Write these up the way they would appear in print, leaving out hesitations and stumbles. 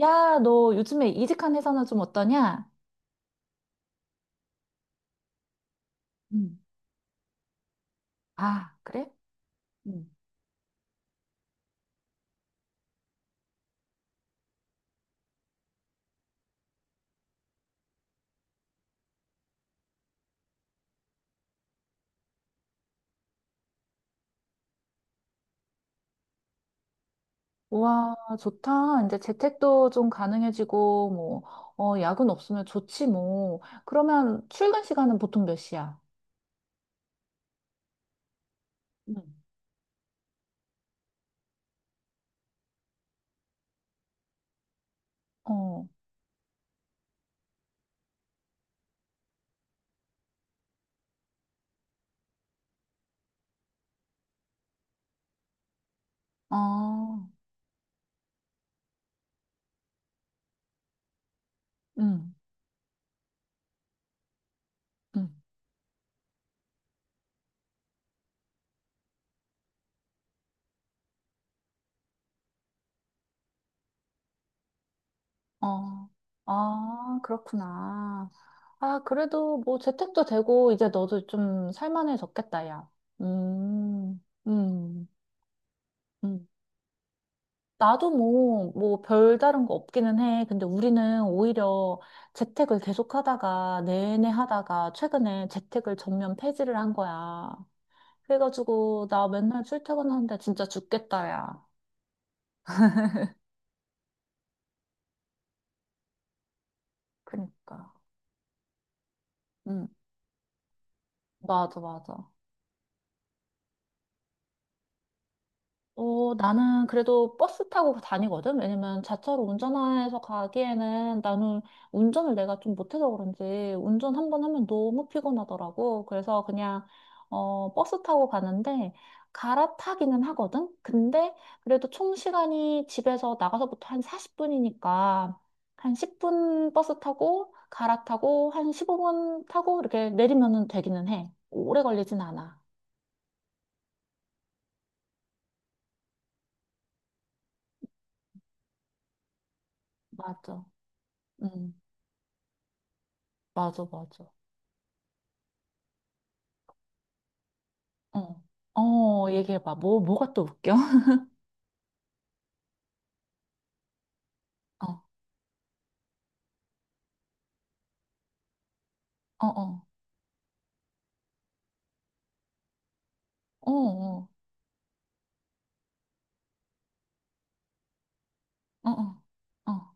야, 너 요즘에 이직한 회사는 좀 어떠냐? 음, 아, 그래? 음. 우와, 좋다. 이제 재택도 좀 가능해지고, 뭐, 어, 야근 없으면 좋지, 뭐. 그러면 출근 시간은 보통 몇 시야? 음. 어, 아, 음, 음, 어, 아, 그렇구나. 아, 그래도 뭐 재택도 되고, 이제 너도 좀 살만해졌겠다, 야. 음, 음, 음. 나도 뭐, 별다른 거 없기는 해. 근데 우리는 오히려 재택을 계속 하다가, 내내 하다가, 최근에 재택을 전면 폐지를 한 거야. 그래가지고, 나 맨날 출퇴근하는데 진짜 죽겠다, 야. 그니까. 응, 맞아, 맞아. 어, 나는 그래도 버스 타고 다니거든? 왜냐면 자차로 운전해서 가기에는 나는 운전을 내가 좀 못해서 그런지 운전 한 번 하면 너무 피곤하더라고. 그래서 그냥, 어, 버스 타고 가는데 갈아타기는 하거든? 근데 그래도 총 시간이 집에서 나가서부터 한 40분이니까 한 10분 버스 타고 갈아타고 한 15분 타고 이렇게 내리면은 되기는 해. 오래 걸리진 않아. 맞아. 응, 맞아, 맞아. 어, 어, 얘기해봐. 뭐가 또 웃겨? 어, 어, 어, 어, 어, 어, 어,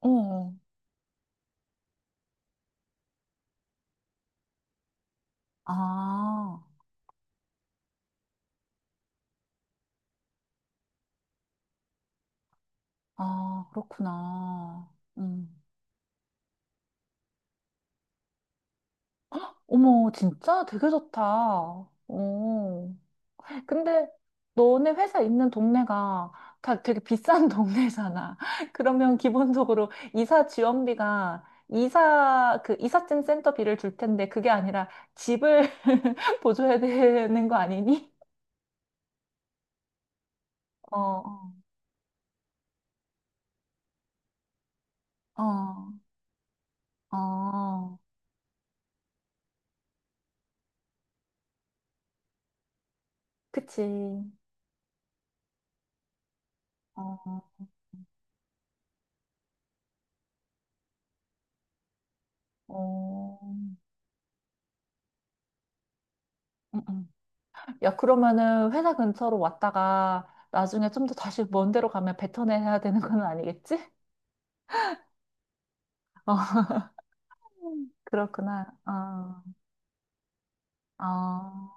어, 어, 어. 아, 아, 그렇구나. 음. 어머, 진짜 되게 좋다. 어. 근데 너네 회사 있는 동네가 다 되게 비싼 동네잖아. 그러면 기본적으로 이사 지원비가 이사, 그 이삿짐 센터비를 줄 텐데 그게 아니라 집을 보조해야 되는 거 아니니? 어. 어. 어, 어, 그치. 어, 어, 음. 야, 그러면은 회사 근처로 왔다가 나중에 좀 더 다시 먼 데로 가면 뱉어내야 되는 건 아니겠지? 어, 그렇구나. 어, 어.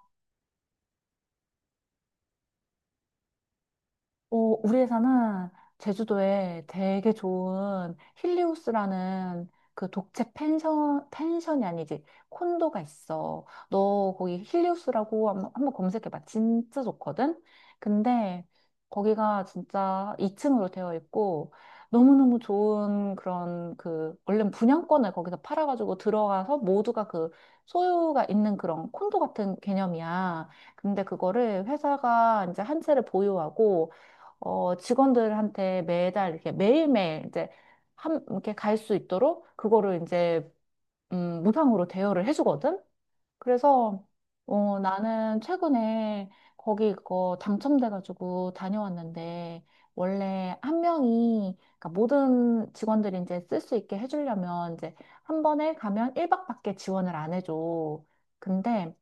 어, 우리 회사는 제주도에 되게 좋은 힐리우스라는 그 독채 펜션, 펜션이 아니지, 콘도가 있어. 너 거기 힐리우스라고 한번 검색해봐. 진짜 좋거든? 근데 거기가 진짜 2층으로 되어 있고, 너무너무 좋은 그런 그, 원래 분양권을 거기서 팔아가지고 들어가서 모두가 그 소유가 있는 그런 콘도 같은 개념이야. 근데 그거를 회사가 이제 한 채를 보유하고, 어, 직원들한테 매달 이렇게 매일매일 이제 한, 이렇게 갈 수 있도록 그거를 이제, 무상으로 대여를 해주거든? 그래서, 어, 나는 최근에 거기 그거 당첨돼가지고 다녀왔는데, 원래 한 명이, 그러니까 모든 직원들이 이제 쓸 수 있게 해주려면 이제 한 번에 가면 1박밖에 지원을 안 해줘. 근데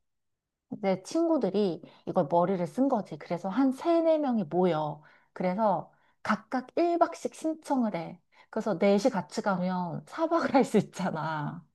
내 친구들이 이걸 머리를 쓴 거지. 그래서 한 세네 명이 모여. 그래서 각각 1박씩 신청을 해. 그래서 넷이 같이 가면 4박을 할 수 있잖아.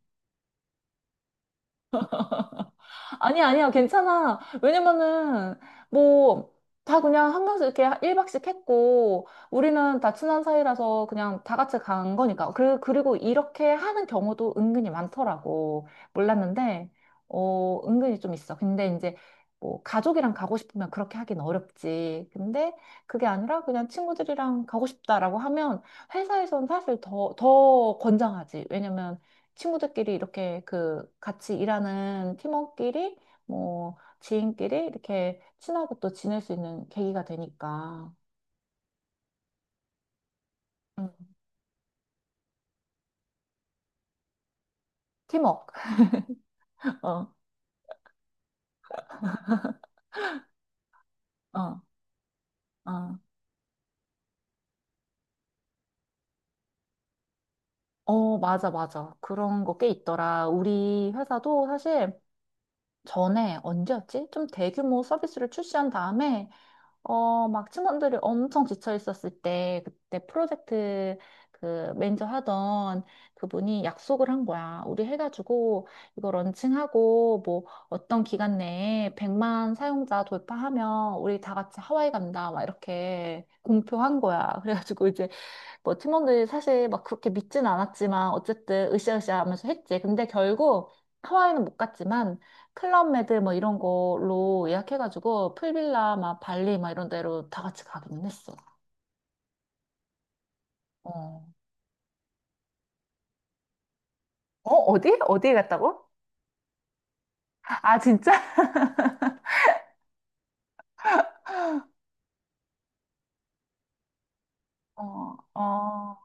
아니, 야 아니야, 괜찮아. 왜냐면은, 뭐, 다 그냥 한 명씩 이렇게 1박씩 했고, 우리는 다 친한 사이라서 그냥 다 같이 간 거니까. 그, 그리고 이렇게 하는 경우도 은근히 많더라고. 몰랐는데, 어, 은근히 좀 있어. 근데 이제, 뭐, 가족이랑 가고 싶으면 그렇게 하긴 어렵지. 근데 그게 아니라 그냥 친구들이랑 가고 싶다라고 하면 회사에선 사실 더 권장하지. 왜냐면, 친구들끼리 이렇게 그 같이 일하는 팀원끼리 뭐 지인끼리 이렇게 친하게 또 지낼 수 있는 계기가 되니까. 음, 팀워크. 어, 어, 어. 어, 맞아, 맞아. 그런 거 꽤 있더라. 우리 회사도 사실 전에 언제였지? 좀 대규모 서비스를 출시한 다음에 어, 막 팀원들이 엄청 지쳐 있었을 때, 그때 프로젝트 그 매니저 하던 그분이 약속을 한 거야. 우리 해가지고 이거 런칭하고 뭐 어떤 기간 내에 100만 사용자 돌파하면 우리 다 같이 하와이 간다. 막 이렇게 공표한 거야. 그래가지고 이제 뭐 팀원들이 사실 막 그렇게 믿진 않았지만 어쨌든 으쌰으쌰 하면서 했지. 근데 결국 하와이는 못 갔지만 클럽메드 뭐 이런 걸로 예약해가지고 풀빌라 막 발리 막 이런 데로 다 같이 가기는 했어. 어. 어디? 어디에 갔다고? 아, 진짜? 어. 어,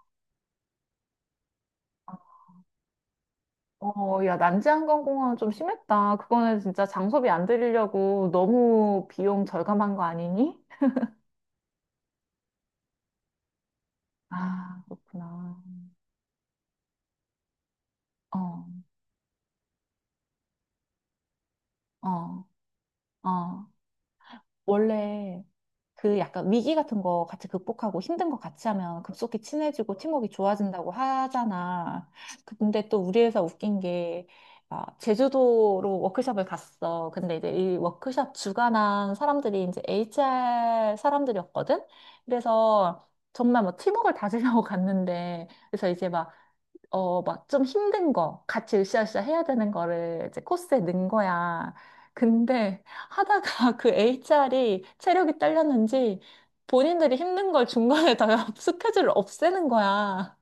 어, 야, 난지항공공항 좀 심했다. 그거는 진짜 장소비 안 들이려고 너무 비용 절감한 거 아니니? 아, 그렇구나. 어, 어, 어. 원래, 그 약간 위기 같은 거 같이 극복하고 힘든 거 같이 하면 급속히 친해지고 팀워크가 좋아진다고 하잖아. 근데 또 우리 회사 웃긴 게, 아, 제주도로 워크숍을 갔어. 근데 이제 이 워크숍 주관한 사람들이 이제 HR 사람들이었거든? 그래서 정말 뭐 팀워크를 다지려고 갔는데, 그래서 이제 막 어, 막 좀 힘든 거, 같이 으쌰으쌰 해야 되는 거를 이제 코스에 넣은 거야. 근데 하다가 그 HR이 체력이 딸렸는지 본인들이 힘든 걸 중간에 다 스케줄을 없애는 거야.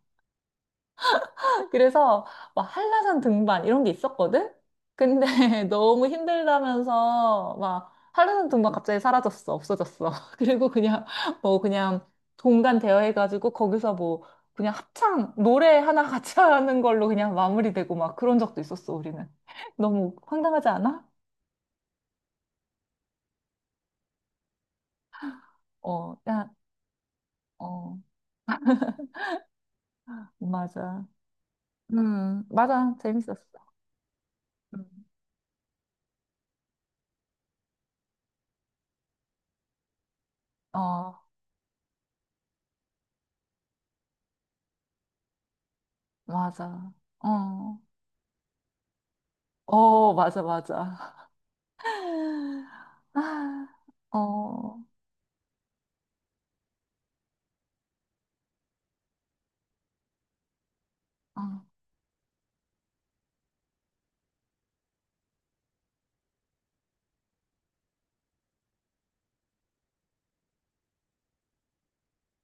그래서 막 한라산 등반 이런 게 있었거든? 근데 너무 힘들다면서 막 한라산 등반 갑자기 사라졌어. 없어졌어. 그리고 그냥 뭐 그냥 동반 대여해가지고 거기서 뭐 그냥 합창 노래 하나 같이 하는 걸로 그냥 마무리되고 막 그런 적도 있었어, 우리는. 너무 황당하지 않아? 어, 야, 어, 맞아. 맞아. 재밌었어. 음. 어, 맞아. 어, 어, 맞아, 맞아. 아, 어, 아. 어,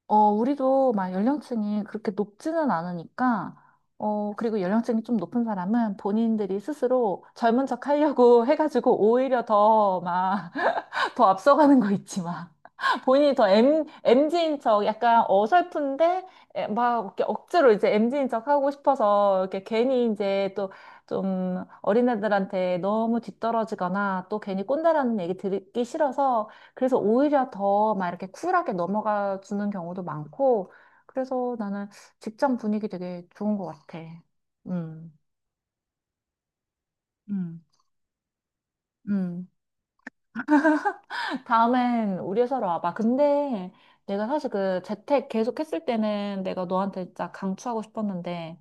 어, 우리도 막 연령층이 그렇게 높지는 않으니까, 어, 그리고 연령층이 좀 높은 사람은 본인들이 스스로 젊은 척 하려고 해가지고 오히려 더막 더 앞서가는 거 있지만 본인이 더 M, 엠지인 척 약간 어설픈데 에, 막 이렇게 억지로 이제 m 지인 척 하고 싶어서 이렇게 괜히 이제 또 좀 어린애들한테 너무 뒤떨어지거나 또 괜히 꼰대라는 얘기 듣기 싫어서 그래서 오히려 더 막 이렇게 쿨하게 넘어가 주는 경우도 많고 그래서 나는 직장 분위기 되게 좋은 것 같아. 음, 음. 음. 다음엔 우리 회사로 와봐. 근데 내가 사실 그 재택 계속 했을 때는 내가 너한테 진짜 강추하고 싶었는데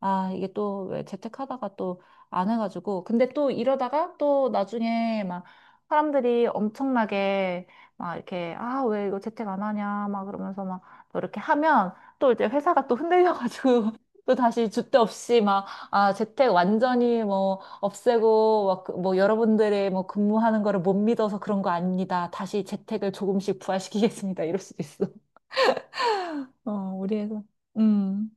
아, 이게 또 왜 재택하다가 또 안 해가지고. 근데 또 이러다가 또 나중에 막 사람들이 엄청나게 막 이렇게, 아, 왜 이거 재택 안 하냐, 막 그러면서 막 또 이렇게 하면 또 이제 회사가 또 흔들려가지고 또 다시 줏대 없이 막, 아, 재택 완전히 뭐 없애고 막, 그- 뭐 여러분들의 뭐 근무하는 거를 못 믿어서 그런 거 아닙니다. 다시 재택을 조금씩 부활시키겠습니다. 이럴 수도 있어. 어, 우리 회사. 음.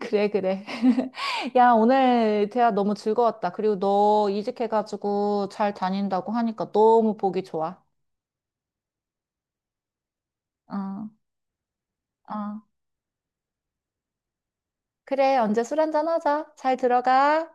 그래, 그래. 야, 오늘 대화 너무 즐거웠다. 그리고 너 이직해가지고 잘 다닌다고 하니까 너무 보기 좋아. 어, 어. 그래, 언제 술 한잔 하자. 잘 들어가.